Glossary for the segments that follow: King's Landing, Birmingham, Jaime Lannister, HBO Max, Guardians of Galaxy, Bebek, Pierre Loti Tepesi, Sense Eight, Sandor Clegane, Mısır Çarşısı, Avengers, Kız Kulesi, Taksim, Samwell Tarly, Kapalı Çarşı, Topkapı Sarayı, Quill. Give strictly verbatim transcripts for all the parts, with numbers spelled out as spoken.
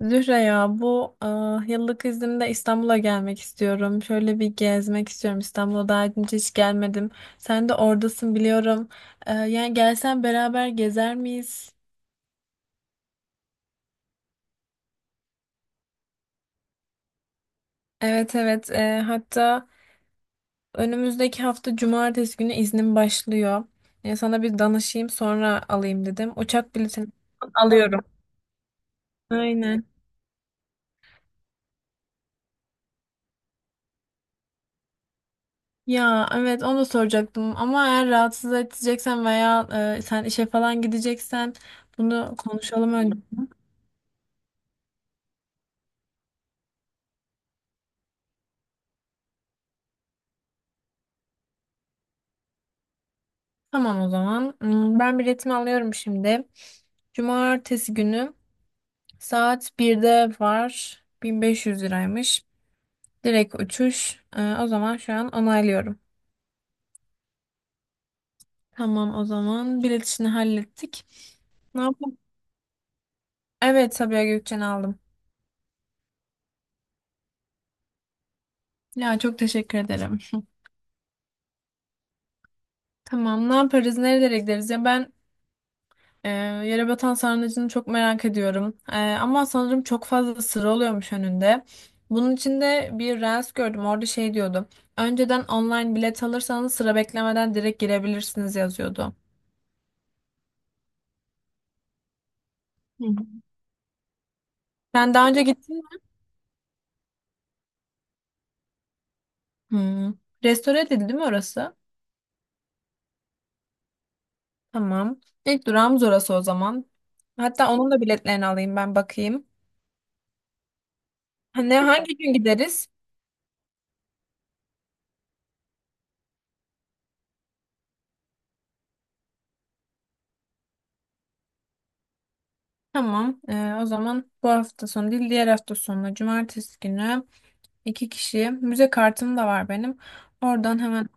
Zühre ya bu ah, yıllık iznimde İstanbul'a gelmek istiyorum. Şöyle bir gezmek istiyorum. İstanbul'a daha önce hiç gelmedim. Sen de oradasın biliyorum. Eee, yani gelsen beraber gezer miyiz? Evet, evet, Eee, hatta önümüzdeki hafta cumartesi günü iznim başlıyor. Ya sana bir danışayım sonra alayım dedim. Uçak biletini alıyorum. Aynen. Ya evet, onu da soracaktım ama eğer rahatsız edeceksen veya eee, sen işe falan gideceksen bunu konuşalım önce. Tamam o zaman. Hmm, Ben biletimi alıyorum şimdi. Cumartesi günü saat birde var. bin beş yüz liraymış. Direkt uçuş. Ee, o zaman şu an onaylıyorum. Tamam o zaman bilet işini hallettik. Ne yapalım? Evet, Sabiha Gökçen'i aldım. Ya çok teşekkür ederim. Tamam, ne yaparız, nerelere gideriz ya, ben Ee, yere batan sarnıcını çok merak ediyorum. Ee, ama sanırım çok fazla sıra oluyormuş önünde. Bunun için de bir reels gördüm. Orada şey diyordu. Önceden online bilet alırsanız sıra beklemeden direkt girebilirsiniz yazıyordu. Hı hı. Sen daha önce gittin mi? Hmm. Restore edildi değil mi orası? Tamam. İlk durağımız orası o zaman. Hatta onun da biletlerini alayım, ben bakayım. Ha, Ne hangi gün gideriz? Tamam. Ee, o zaman bu hafta sonu değil, diğer hafta sonu cumartesi günü. İki kişiye. Müze kartım da var benim. Oradan hemen,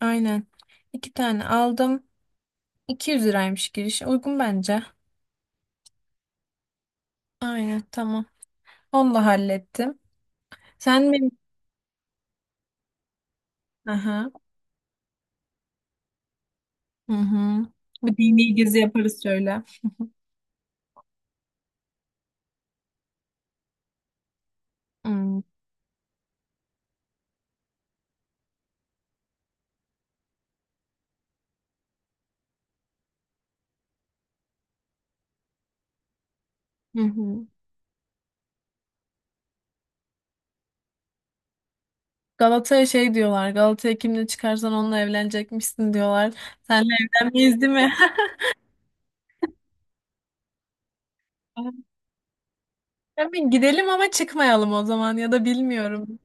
aynen. İki tane aldım. iki yüz liraymış giriş. Uygun bence. Aynen, tamam. Onu da hallettim. Sen benim... Aha. Hı hı. Bir dini gezi yaparız şöyle. Hmm, hı hı. Galata'ya şey diyorlar. Galata'ya kimle çıkarsan onunla evlenecekmişsin diyorlar. Senle evlenmeyiz değil mi? Tabii gidelim ama çıkmayalım o zaman ya da bilmiyorum.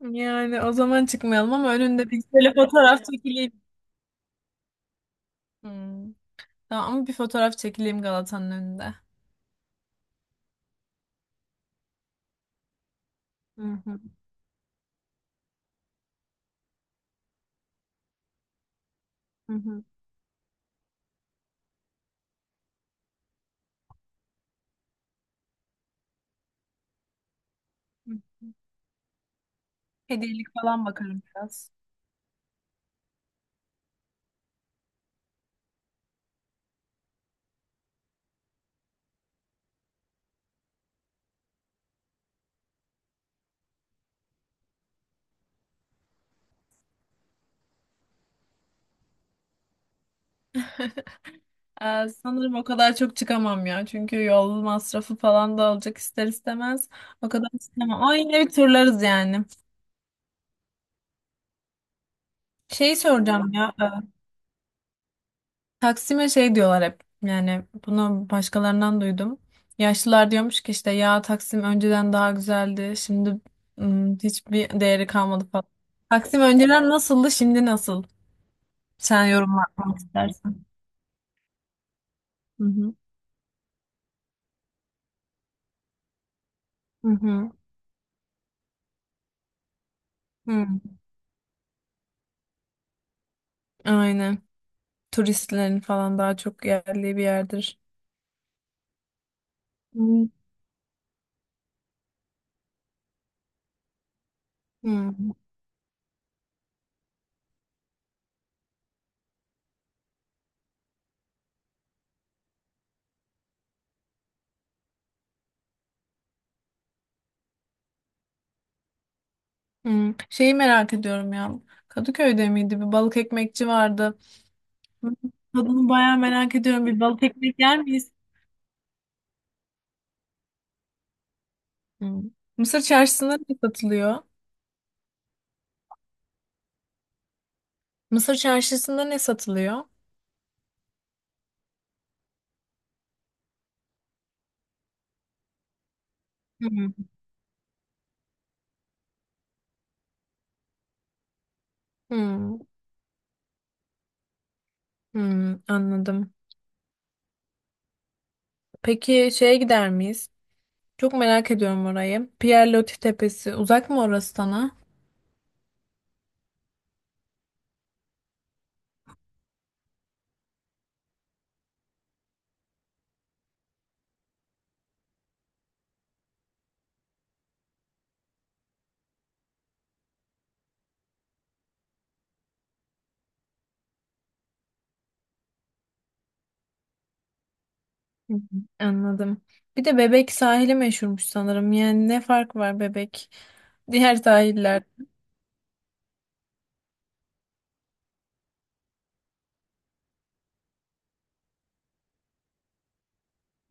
Yani o zaman çıkmayalım ama önünde bir şöyle fotoğraf çekileyim. Hmm. Tamam ama bir fotoğraf çekileyim Galata'nın önünde. Hı hı, hı hı, hı hı. Hediyelik falan bakarım biraz. Ee, sanırım o kadar çok çıkamam ya. Çünkü yol masrafı falan da olacak ister istemez. O kadar istemem. Ama yine bir turlarız yani. Şeyi soracağım ya. e, Taksim'e şey diyorlar hep. Yani bunu başkalarından duydum. Yaşlılar diyormuş ki işte ya, Taksim önceden daha güzeldi. Şimdi hmm, hiçbir değeri kalmadı falan. Taksim önceden nasıldı, şimdi nasıl? Sen yorum yapmak istersen. Hı hı. Hı hı. Hı. Aynen. Turistlerin falan daha çok yerli bir yerdir. Hı. Hı. Hı. Şeyi merak ediyorum ya. Kadıköy'de miydi? Bir balık ekmekçi vardı. Hı. Tadını bayağı merak ediyorum. Bir balık ekmek yer miyiz? Hı. Mısır çarşısında ne satılıyor? Mısır çarşısında ne satılıyor? Hı. Hı. Hı. Anladım. Peki şeye gider miyiz? Çok merak ediyorum orayı. Pierre Loti Tepesi uzak mı orası sana? Hı hı, anladım. Bir de Bebek sahili meşhurmuş sanırım. Yani ne fark var Bebek diğer sahiller?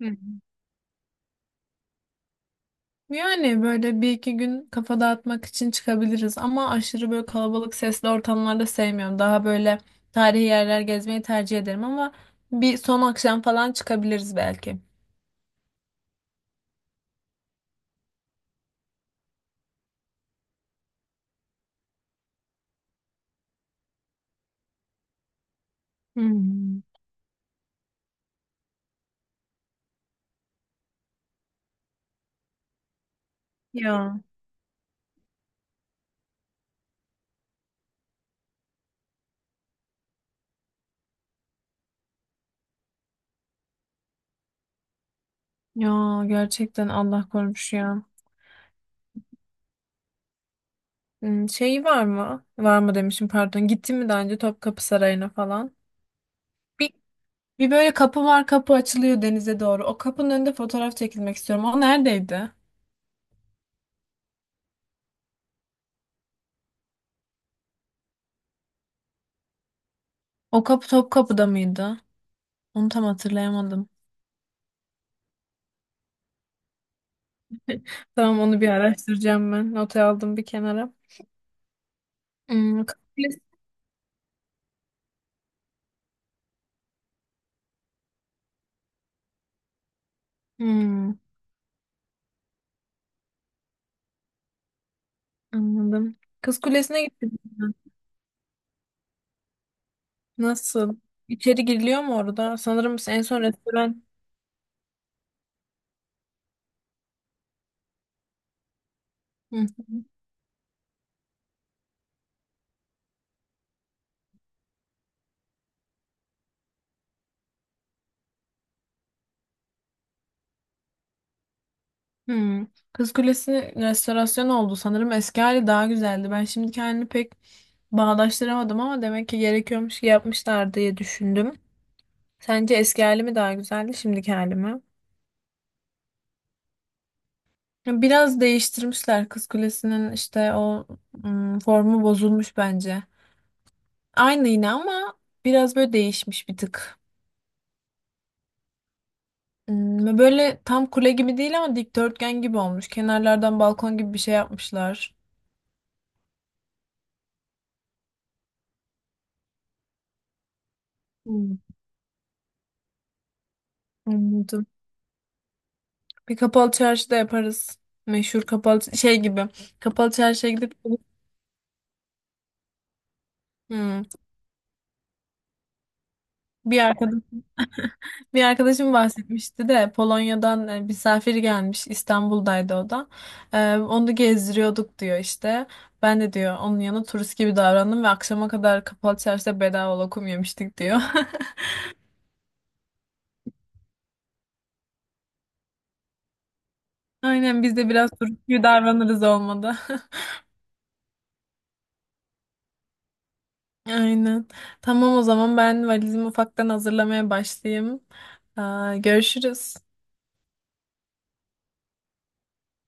Hı. Yani böyle bir iki gün kafa dağıtmak için çıkabiliriz ama aşırı böyle kalabalık sesli ortamlarda sevmiyorum. Daha böyle tarihi yerler gezmeyi tercih ederim ama bir son akşam falan çıkabiliriz belki. Hmm. Ya. Ya gerçekten Allah korumuş ya. Hmm, Şey var mı? Var mı demişim, pardon. Gittin mi daha önce Topkapı Sarayı'na falan? Bir böyle kapı var, kapı açılıyor denize doğru. O kapının önünde fotoğraf çekilmek istiyorum. O neredeydi? O kapı Topkapı'da mıydı? Onu tam hatırlayamadım. Tamam, onu bir araştıracağım ben. Notu aldım bir kenara. Hmm, Kız Kulesi. Hmm, anladım. Kız Kulesi'ne gittim ben. Nasıl? İçeri giriliyor mu orada? Sanırım en son restoran... Hı hı. Hmm. Kız Kulesi'nin restorasyonu oldu. Sanırım eski hali daha güzeldi. Ben şimdi kendimi pek bağdaştıramadım ama demek ki gerekiyormuş ki yapmışlar diye düşündüm. Sence eski hali mi daha güzeldi, şimdiki hali mi? Ya biraz değiştirmişler Kız Kulesi'nin, işte o mm, formu bozulmuş bence. Aynı yine ama biraz böyle değişmiş bir tık. Mm, Böyle tam kule gibi değil ama dikdörtgen gibi olmuş. Kenarlardan balkon gibi bir şey yapmışlar. Hmm, anladım. Bir kapalı çarşı da yaparız. Meşhur kapalı şey gibi. Kapalı çarşıya gidip... Hmm. bir arkadaş Bir arkadaşım bahsetmişti de, Polonya'dan e, misafir gelmiş, İstanbul'daydı o da. E, onu gezdiriyorduk diyor işte. Ben de diyor onun yanı turist gibi davrandım ve akşama kadar kapalı çarşıda bedava lokum yemiştik diyor. Aynen, biz de biraz turist gibi davranırız olmadı. Aynen. Tamam o zaman ben valizimi ufaktan hazırlamaya başlayayım. Aa, görüşürüz.